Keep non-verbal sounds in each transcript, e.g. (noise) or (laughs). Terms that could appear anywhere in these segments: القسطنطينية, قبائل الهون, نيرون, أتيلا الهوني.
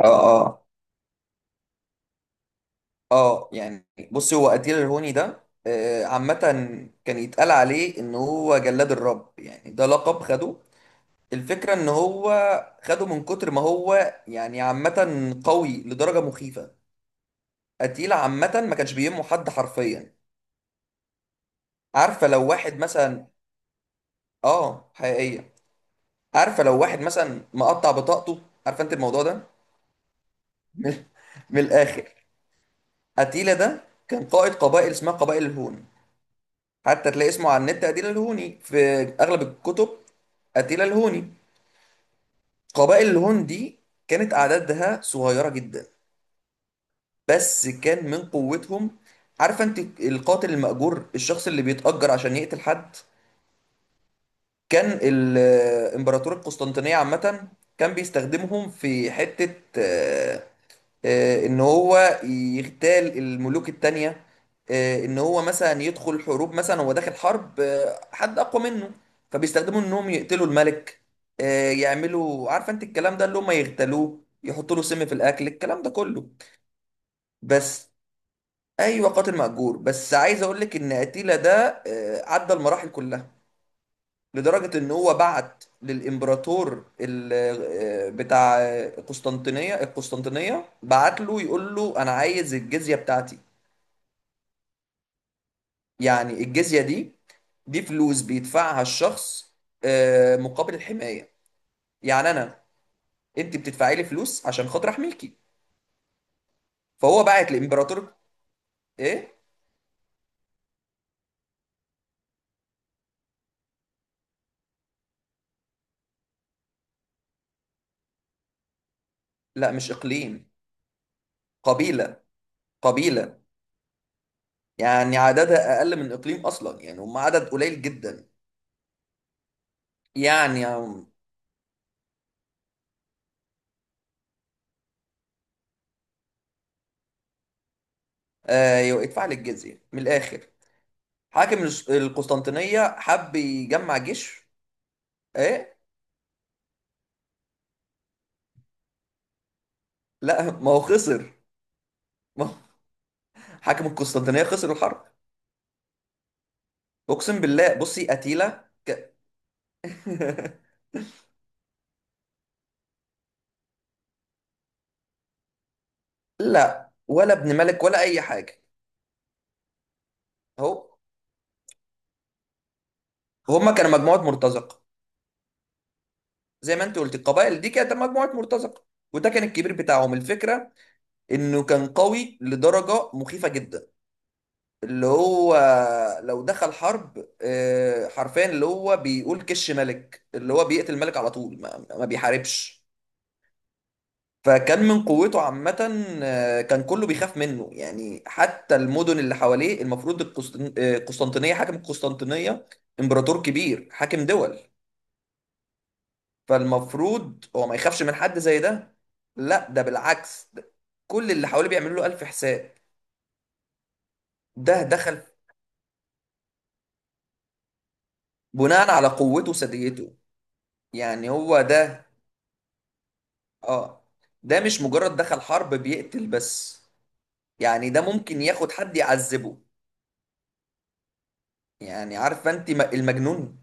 اه، اه، اه، يعني بص. هو قتيل الهوني ده عامة كان يتقال عليه ان هو جلاد الرب يعني ده لقب خده. الفكرة ان هو خده من كتر ما هو يعني عامة قوي لدرجة مخيفة. قتيل عامة ما كانش بيهمه حد حرفيا. عارفة لو واحد مثلا. اه، حقيقية. عارفة لو واحد مثلا مقطع بطاقته؟ عارفة انت الموضوع ده؟ (laughs) من من الاخر. قتيلة ده كان قائد قبائل اسمها قبائل الهون، حتى تلاقي اسمه على النت أتيلا الهوني في أغلب الكتب، أتيلا الهوني. قبائل الهون دي كانت أعدادها صغيرة جدا، بس كان من قوتهم. عارفة أنت القاتل المأجور؟ الشخص اللي بيتأجر عشان يقتل حد. كان إمبراطور القسطنطينية عامة كان بيستخدمهم في حتة، ان هو يغتال الملوك التانية، ان هو مثلا يدخل حروب، مثلا هو داخل حرب حد اقوى منه فبيستخدموا انهم يقتلوا الملك، يعملوا عارفه انت الكلام ده، اللي هم يغتالوه يحطوا له سم في الاكل الكلام ده كله. بس، ايوه، قاتل مأجور، بس عايز اقول لك ان اتيلا ده عدى المراحل كلها، لدرجة إن هو بعت للإمبراطور بتاع القسطنطينية، بعت له يقول له أنا عايز الجزية بتاعتي. يعني الجزية دي فلوس بيدفعها الشخص مقابل الحماية. يعني أنت بتدفعي لي فلوس عشان خاطر أحميكي. فهو بعت لإمبراطور. إيه؟ لا، مش إقليم. قبيلة قبيلة يعني عددها أقل من إقليم أصلا، يعني هم عدد قليل جدا. يعني يدفع لي الجزية من الآخر. حاكم القسطنطينية حب يجمع جيش. ايه. لا، ما هو خسر. ما هو حاكم القسطنطينية خسر الحرب. اقسم بالله. بصي قتيلة (laughs) لا، ولا ابن ملك ولا اي حاجة. اهو، هما كانوا مجموعة مرتزقة. زي ما انت قلت القبائل دي كانت مجموعة مرتزقة، وده كان الكبير بتاعهم. الفكرة انه كان قوي لدرجة مخيفة جدا، اللي هو لو دخل حرب حرفيا اللي هو بيقول كش ملك، اللي هو بيقتل الملك على طول، ما بيحاربش. فكان من قوته عامة كان كله بيخاف منه. يعني حتى المدن اللي حواليه المفروض القسطنطينية، حاكم القسطنطينية إمبراطور كبير حاكم دول، فالمفروض هو ما يخافش من حد زي ده. لا، ده بالعكس، ده كل اللي حواليه بيعملوا له ألف حساب. ده دخل بناء على قوته وثديته. يعني هو ده. اه. ده مش مجرد دخل حرب بيقتل بس، يعني ده ممكن ياخد حد يعذبه. يعني عارفه انت المجنون.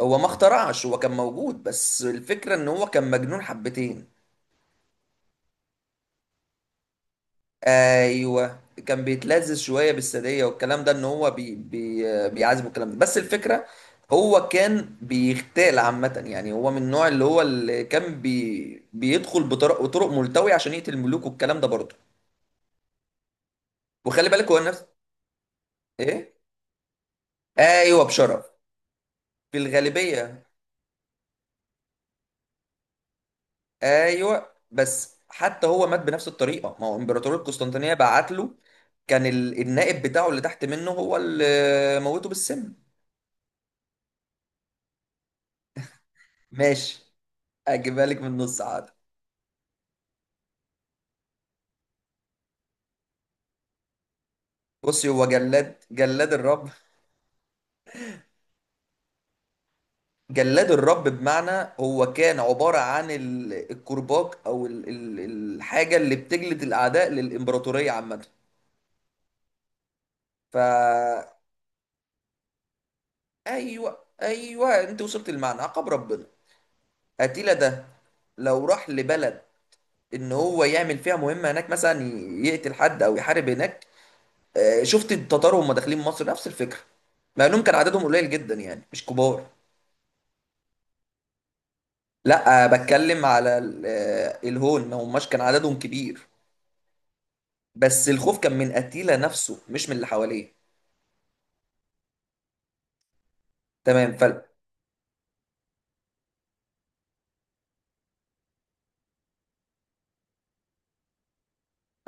هو ما اخترعش، هو كان موجود، بس الفكرة ان هو كان مجنون حبتين. ايوه، كان بيتلذذ شوية بالسادية والكلام ده، ان هو بي بي بيعذب الكلام ده. بس الفكرة هو كان بيغتال عامة. يعني هو من النوع اللي هو اللي كان بيدخل بطرق بطرق ملتوية عشان يقتل الملوك والكلام ده برضه. وخلي بالك هو نفس. ايه. ايوه، بشرف. بالغالبية. ايوه، بس حتى هو مات بنفس الطريقة، ما هو امبراطورية القسطنطينية بعت له. كان النائب بتاعه اللي تحت منه هو اللي موته بالسم. ماشي، اجيبها لك من النص عادي. بصي، هو جلاد الرب. جلاد الرب بمعنى هو كان عبارة عن الكرباج او الحاجة اللي بتجلد الاعداء للامبراطورية عامة. فا، ايوه، ايوه، انت وصلت المعنى، عقاب ربنا. اتيلا ده لو راح لبلد، ان هو يعمل فيها مهمه هناك، مثلا يقتل حد او يحارب هناك. شفت التتار وهم داخلين مصر نفس الفكره، مع انهم كان عددهم قليل جدا يعني مش كبار. لا، بتكلم على الهون، ما هماش كان عددهم كبير. بس الخوف كان من اتيلا نفسه مش من اللي حواليه. تمام. فال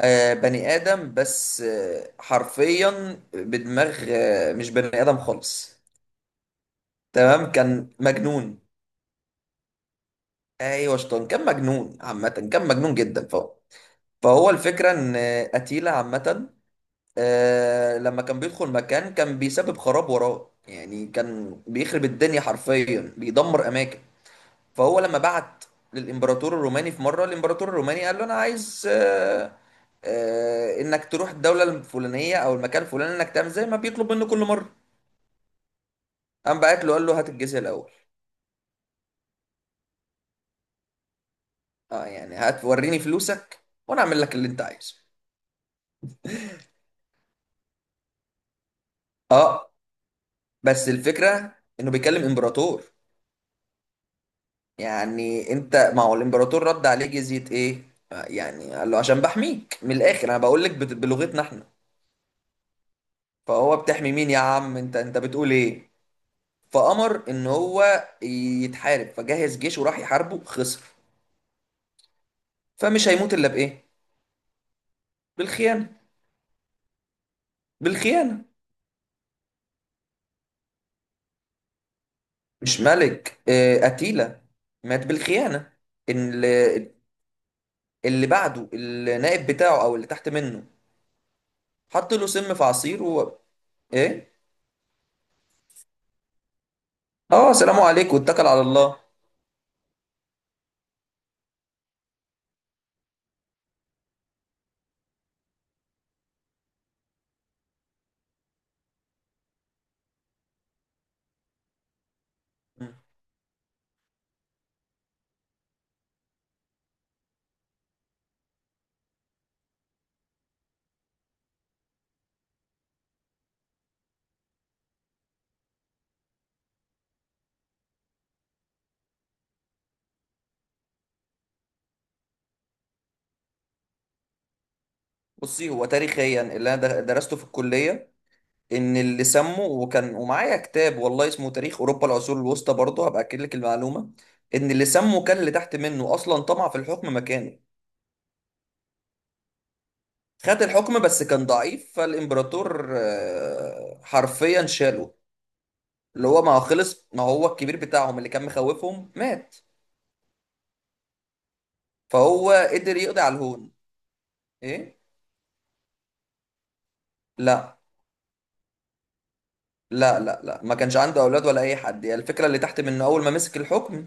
آه، بني ادم، بس حرفيا بدماغ مش بني ادم خالص. تمام، كان مجنون. ايوه، شطان. كان مجنون عامه، كان مجنون جدا. فهو الفكرة إن أتيلا عامة لما كان بيدخل مكان كان بيسبب خراب وراه. يعني كان بيخرب الدنيا حرفيا، بيدمر أماكن. فهو لما بعت للإمبراطور الروماني في مرة، الإمبراطور الروماني قال له أنا عايز إنك تروح الدولة الفلانية أو المكان الفلاني، إنك تعمل زي ما بيطلب منه كل مرة. قام بعت له قال له هات الجزية الأول. أه، يعني هات وريني فلوسك وأنا أعمل لك اللي أنت عايزه. أه، بس الفكرة إنه بيكلم إمبراطور. يعني انت، ما هو الامبراطور رد عليه جزية ايه يعني، قال له عشان بحميك من الاخر انا بقول لك بلغتنا احنا. فهو بتحمي مين يا عم انت بتقول ايه؟ فامر ان هو يتحارب فجهز جيش وراح يحاربه. خسر. فمش هيموت الا بايه. بالخيانة. بالخيانة. مش ملك، اه، اتيلا مات بالخيانة. اللي, اللي بعده النائب بتاعه او اللي تحت منه حط له سم في عصير ايه. اه، سلام عليكم واتكل على الله. بصي، هو تاريخيا اللي انا درسته في الكليه، ان اللي سموا، وكان ومعايا كتاب والله اسمه تاريخ اوروبا العصور الوسطى برضه هبقى اكد لك المعلومه، ان اللي سموا كان اللي تحت منه اصلا طمع في الحكم مكانه. خد الحكم بس كان ضعيف، فالامبراطور حرفيا شاله. اللي هو ما هو خلص، ما هو الكبير بتاعهم اللي كان مخوفهم مات، فهو قدر يقضي على الهون. ايه. لا، لا، لا، لا، ما كانش عنده اولاد ولا اي حد. يعني الفكره اللي تحت منه اول ما مسك الحكم،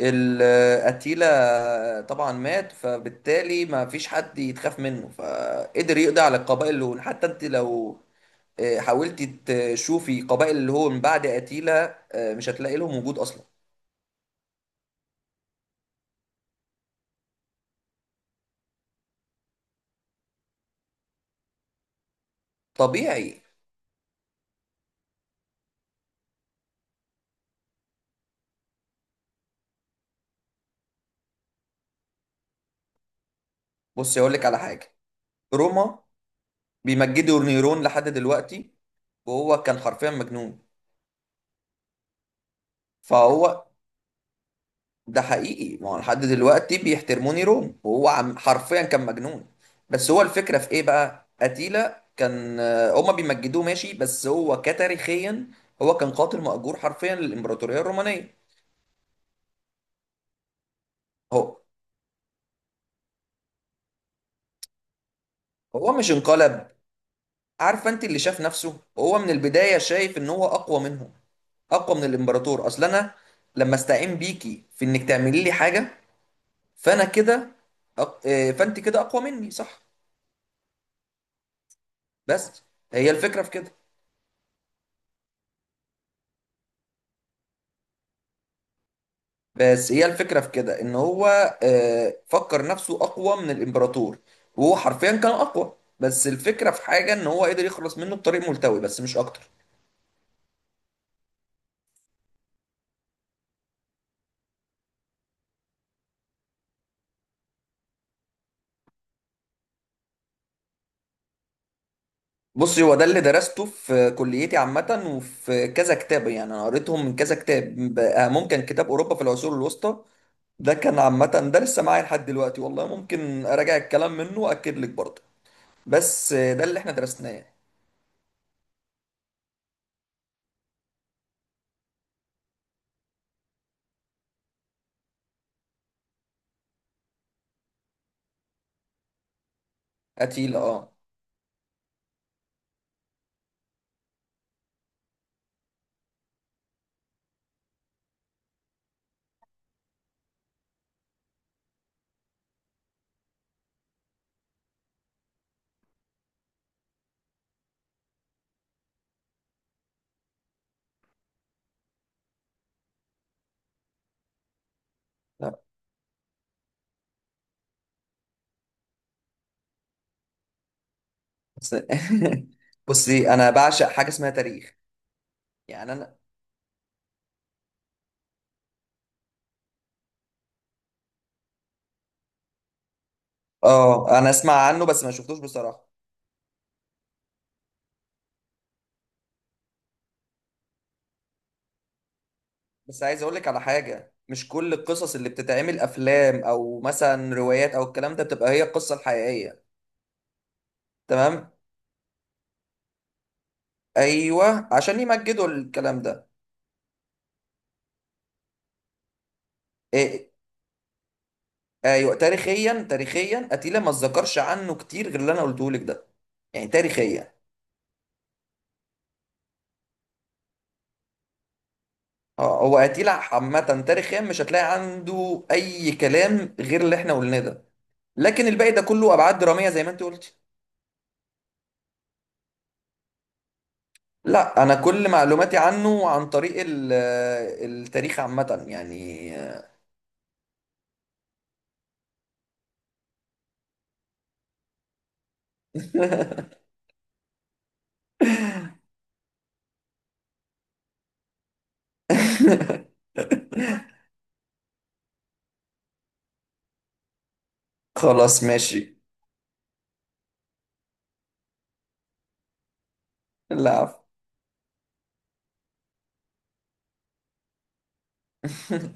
الأتيلا طبعا مات، فبالتالي ما فيش حد يتخاف منه، فقدر يقضي على القبائل اللي هون. حتى انت لو حاولتي تشوفي قبائل اللي هو من بعد أتيلا مش هتلاقي لهم وجود أصلا. طبيعي. بص أقول لك على حاجة، روما بيمجدوا نيرون لحد دلوقتي، وهو كان حرفيا مجنون. فهو، ده حقيقي، ما هو لحد دلوقتي بيحترموني روم وهو عم حرفيا كان مجنون. بس هو الفكرة في ايه بقى، أتيلا كان هما بيمجدوه ماشي، بس هو كتاريخيا هو كان قاتل مأجور حرفيا للإمبراطورية الرومانية. هو هو مش انقلب. عارفة انت اللي شاف نفسه هو من البداية شايف ان هو أقوى منهم، أقوى من الإمبراطور. أصل أنا لما استعين بيكي في انك تعملي لي حاجة، فأنا كده أق... آه، فانت كده أقوى مني، صح. بس هي الفكرة في كده بس هي الفكرة في كده ان هو فكر نفسه اقوى من الامبراطور، وهو حرفيا كان اقوى. بس الفكرة في حاجة ان هو قدر يخلص منه بطريق ملتوي بس مش اكتر. بص هو ده اللي درسته في كليتي عامة، وفي كذا كتاب، يعني انا قريتهم من كذا كتاب بقى، ممكن كتاب اوروبا في العصور الوسطى ده كان عامة، ده لسه معايا لحد دلوقتي والله، ممكن اراجع الكلام منه واكد لك برضه. بس ده اللي احنا درسناه. قتيلة، اه، لا، بس. (laughs) بصي، انا بعشق حاجة اسمها تاريخ. يعني انا، اه انا اسمع عنه بس ما شفتوش بصراحة. بس عايز اقول لك على حاجة، مش كل القصص اللي بتتعمل افلام او مثلا روايات او الكلام ده بتبقى هي القصة الحقيقية. تمام. ايوه، عشان يمجدوا الكلام ده. إيه. ايوه، تاريخيا، تاريخيا اتيلا ما اتذكرش عنه كتير غير اللي انا قلته لك ده. يعني تاريخيا، اه، هو اتيلا عامة تاريخيا مش هتلاقي عنده اي كلام غير اللي احنا قلناه ده. لكن الباقي ده كله ابعاد درامية زي ما انت قلت. لا، انا كل معلوماتي عنه عن طريق التاريخ عامة يعني. (laughs) خلاص، ماشي. لا، عفو.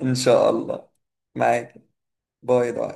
ان شاء الله. معاك. باي باي.